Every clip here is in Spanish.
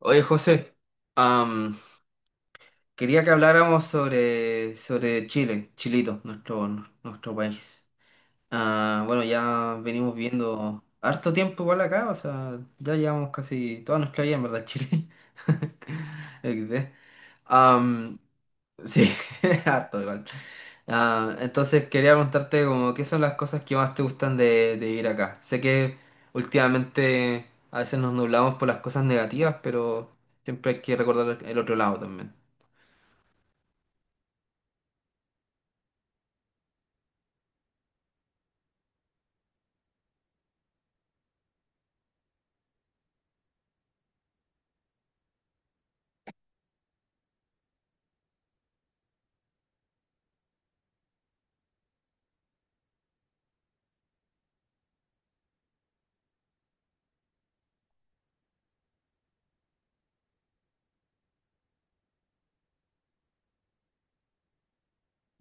Oye, José, am, quería que habláramos sobre Chile, Chilito, nuestro país. Ah, bueno, ya venimos viendo harto tiempo igual acá, o sea, ya llevamos casi toda nuestra vida en verdad en Chile. XD. Am, Sí, harto igual. Ah, entonces quería preguntarte como qué son las cosas que más te gustan de vivir acá. Sé que últimamente a veces nos nublamos por las cosas negativas, pero siempre hay que recordar el otro lado también.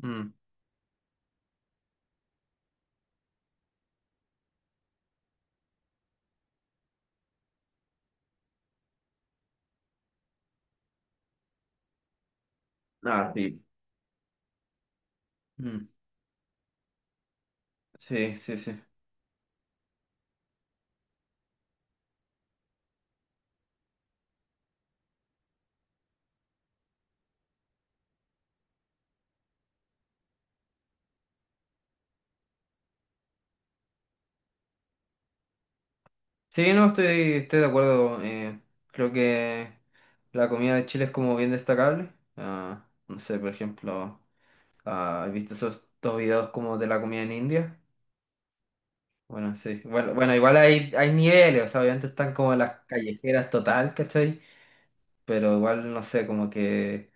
Mm, ah, sí. Mm, sí, sí, sí. Sí, no, estoy de acuerdo. Creo que la comida de Chile es como bien destacable. Ah, no sé, por ejemplo, ¿has visto esos dos videos como de la comida en India? Bueno, sí. Bueno, bueno, igual hay niveles, o sea, obviamente están como las callejeras total, ¿cachai? Pero igual, no sé, como que.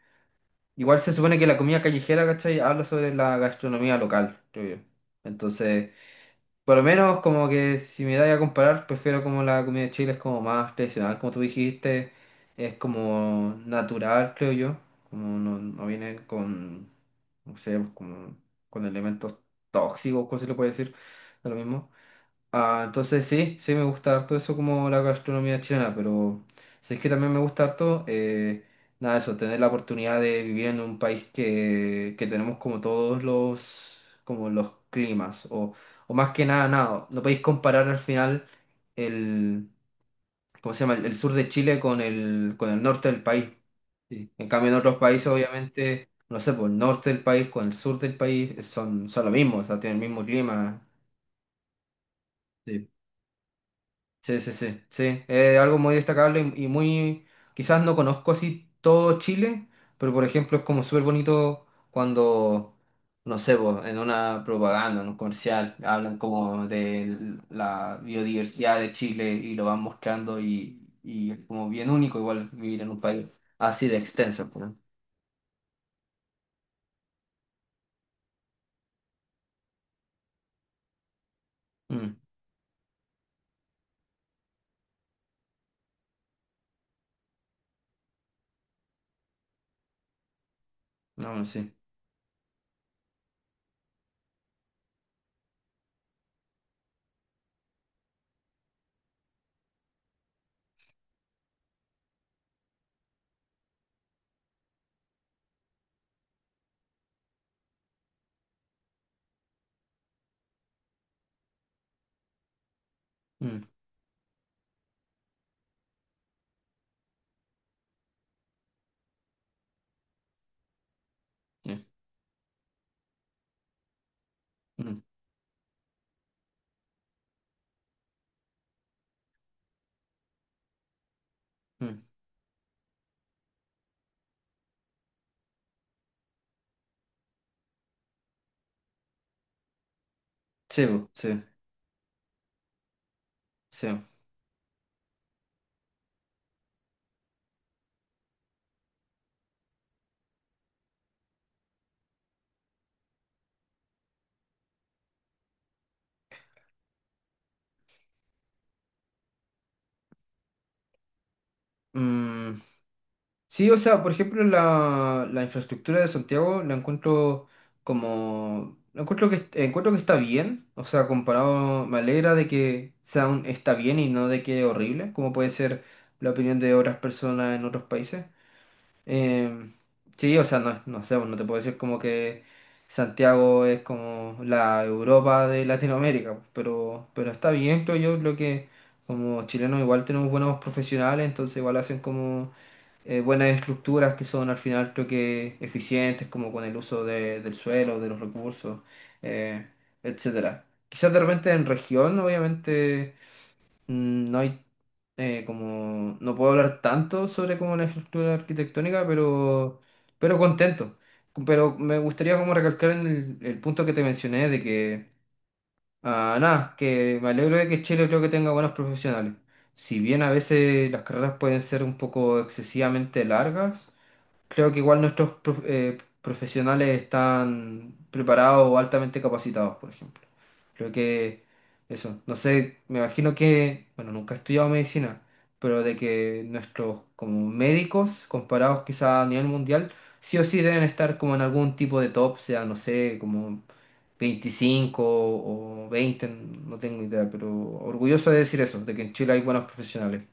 Igual se supone que la comida callejera, ¿cachai? Habla sobre la gastronomía local, creo yo. Entonces, por lo menos como que si me da a comparar, prefiero como la comida de Chile es como más tradicional, como tú dijiste, es como natural, creo yo. Como no, no viene con, no sé, pues como con elementos tóxicos, ¿cómo se le puede decir? De lo mismo. Ah, entonces sí, sí me gusta harto eso como la gastronomía chilena, pero sí es que también me gusta harto, nada, eso, tener la oportunidad de vivir en un país que tenemos como todos los, como los climas, o más que nada, nada, no podéis comparar al final el, ¿cómo se llama? El sur de Chile con el norte del país. Sí. En cambio en otros países, obviamente, no sé, por el norte del país con el sur del país son lo mismo, o sea, tienen el mismo clima. Sí, sí, sí, sí. Algo muy destacable y muy, quizás no conozco así todo Chile, pero por ejemplo es como súper bonito cuando, no sé, po, en una propaganda, en un comercial, hablan como de la biodiversidad de Chile y lo van mostrando, y es como bien único igual vivir en un país así de extenso, po, ¿no? Mm, no, bueno, sí. Mm, sí, mm, mm. Sí, po, sí, sí. Mm. Sí, o sea, por ejemplo, la infraestructura de Santiago la encuentro como, la encuentro que está bien, o sea, comparado, me alegra de que sea un está bien y no de que horrible, como puede ser la opinión de otras personas en otros países. Eh, sí, o sea, no, no sé, no te puedo decir como que Santiago es como la Europa de Latinoamérica, pero está bien, creo yo, creo que como chilenos igual tenemos buenos profesionales, entonces igual hacen como buenas estructuras que son al final creo que eficientes, como con el uso del suelo, de los recursos, eh, etcétera. Quizás de repente en región, obviamente, no hay como no puedo hablar tanto sobre como la infraestructura arquitectónica, pero contento. Pero me gustaría como recalcar en el punto que te mencioné de que, nada, que me alegro de que Chile creo que tenga buenos profesionales. Si bien a veces las carreras pueden ser un poco excesivamente largas. Creo que igual nuestros profesionales están preparados o altamente capacitados, por ejemplo. Creo que eso, no sé, me imagino que, bueno, nunca he estudiado medicina, pero de que nuestros como médicos, comparados quizá a nivel mundial, sí o sí deben estar como en algún tipo de top, sea, no sé, como 25 o 20, no tengo idea, pero orgulloso de decir eso, de que en Chile hay buenos profesionales.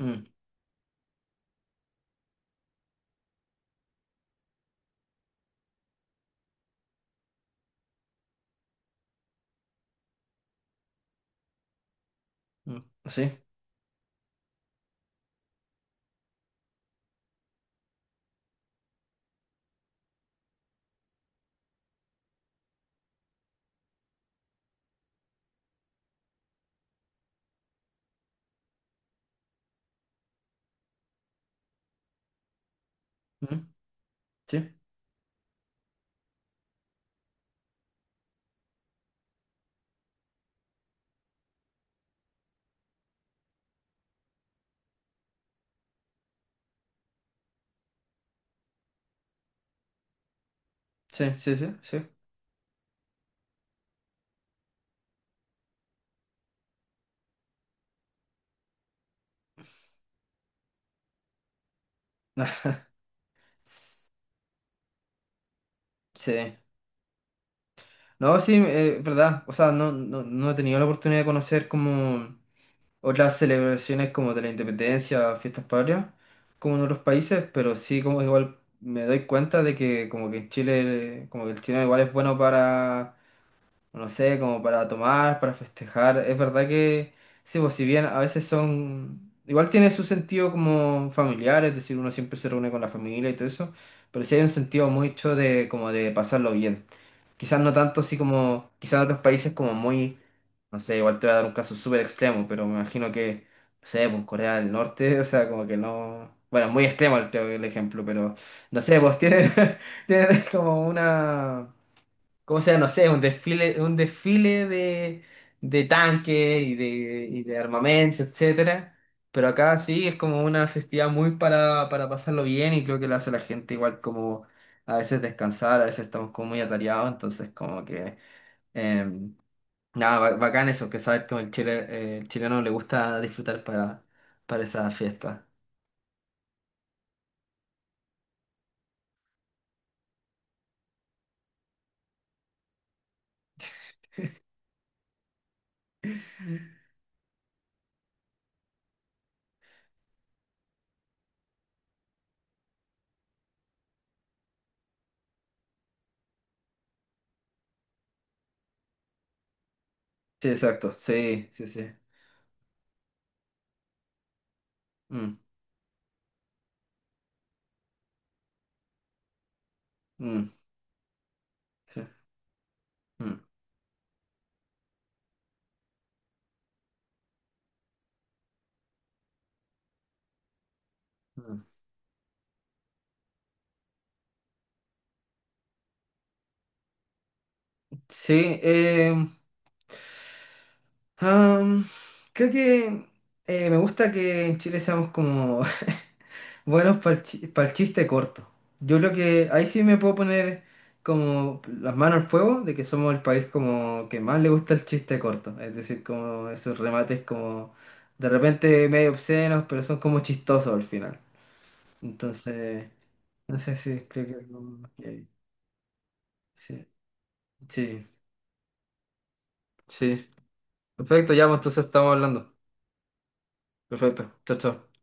Mm, mm, ¿sí? Mm, ¿sí? Sí, sí, sí, sí. Sí. No, sí, es verdad. O sea, no, no, no he tenido la oportunidad de conocer como otras celebraciones como de la independencia, fiestas patrias, como en otros países, pero sí como igual me doy cuenta de que como que en Chile, como que el chileno igual es bueno para, no sé, como para tomar, para festejar. Es verdad que, sí, pues si bien a veces son, igual tiene su sentido como familiar, es decir, uno siempre se reúne con la familia y todo eso, pero sí hay un sentido mucho de como de pasarlo bien. Quizás no tanto así como, quizás en otros países como muy, no sé, igual te voy a dar un caso súper extremo, pero me imagino que, no sé, pues Corea del Norte, o sea, como que no, bueno, muy extremo creo que el ejemplo, pero no sé, pues tienen, tienen como una, como sea, no sé, un desfile de tanques y de armamento, etcétera. Pero acá sí es como una festividad muy para pasarlo bien, y creo que lo hace la gente igual como a veces descansar, a veces estamos como muy atareados, entonces como que eh, nada, bacán eso, que saber que el chileno le gusta disfrutar para esa fiesta. Sí, exacto, sí, sí, sí. Mm, mm, sí, mm, mm. Sí, am, creo que me gusta que en Chile seamos como buenos para el chiste corto. Yo creo que ahí sí me puedo poner como las manos al fuego de que somos el país como que más le gusta el chiste corto. Es decir, como esos remates como de repente medio obscenos, pero son como chistosos al final. Entonces, no sé si creo que. Ok, sí, sí, sí. Perfecto, ya, pues entonces estamos hablando. Perfecto, chao, chao.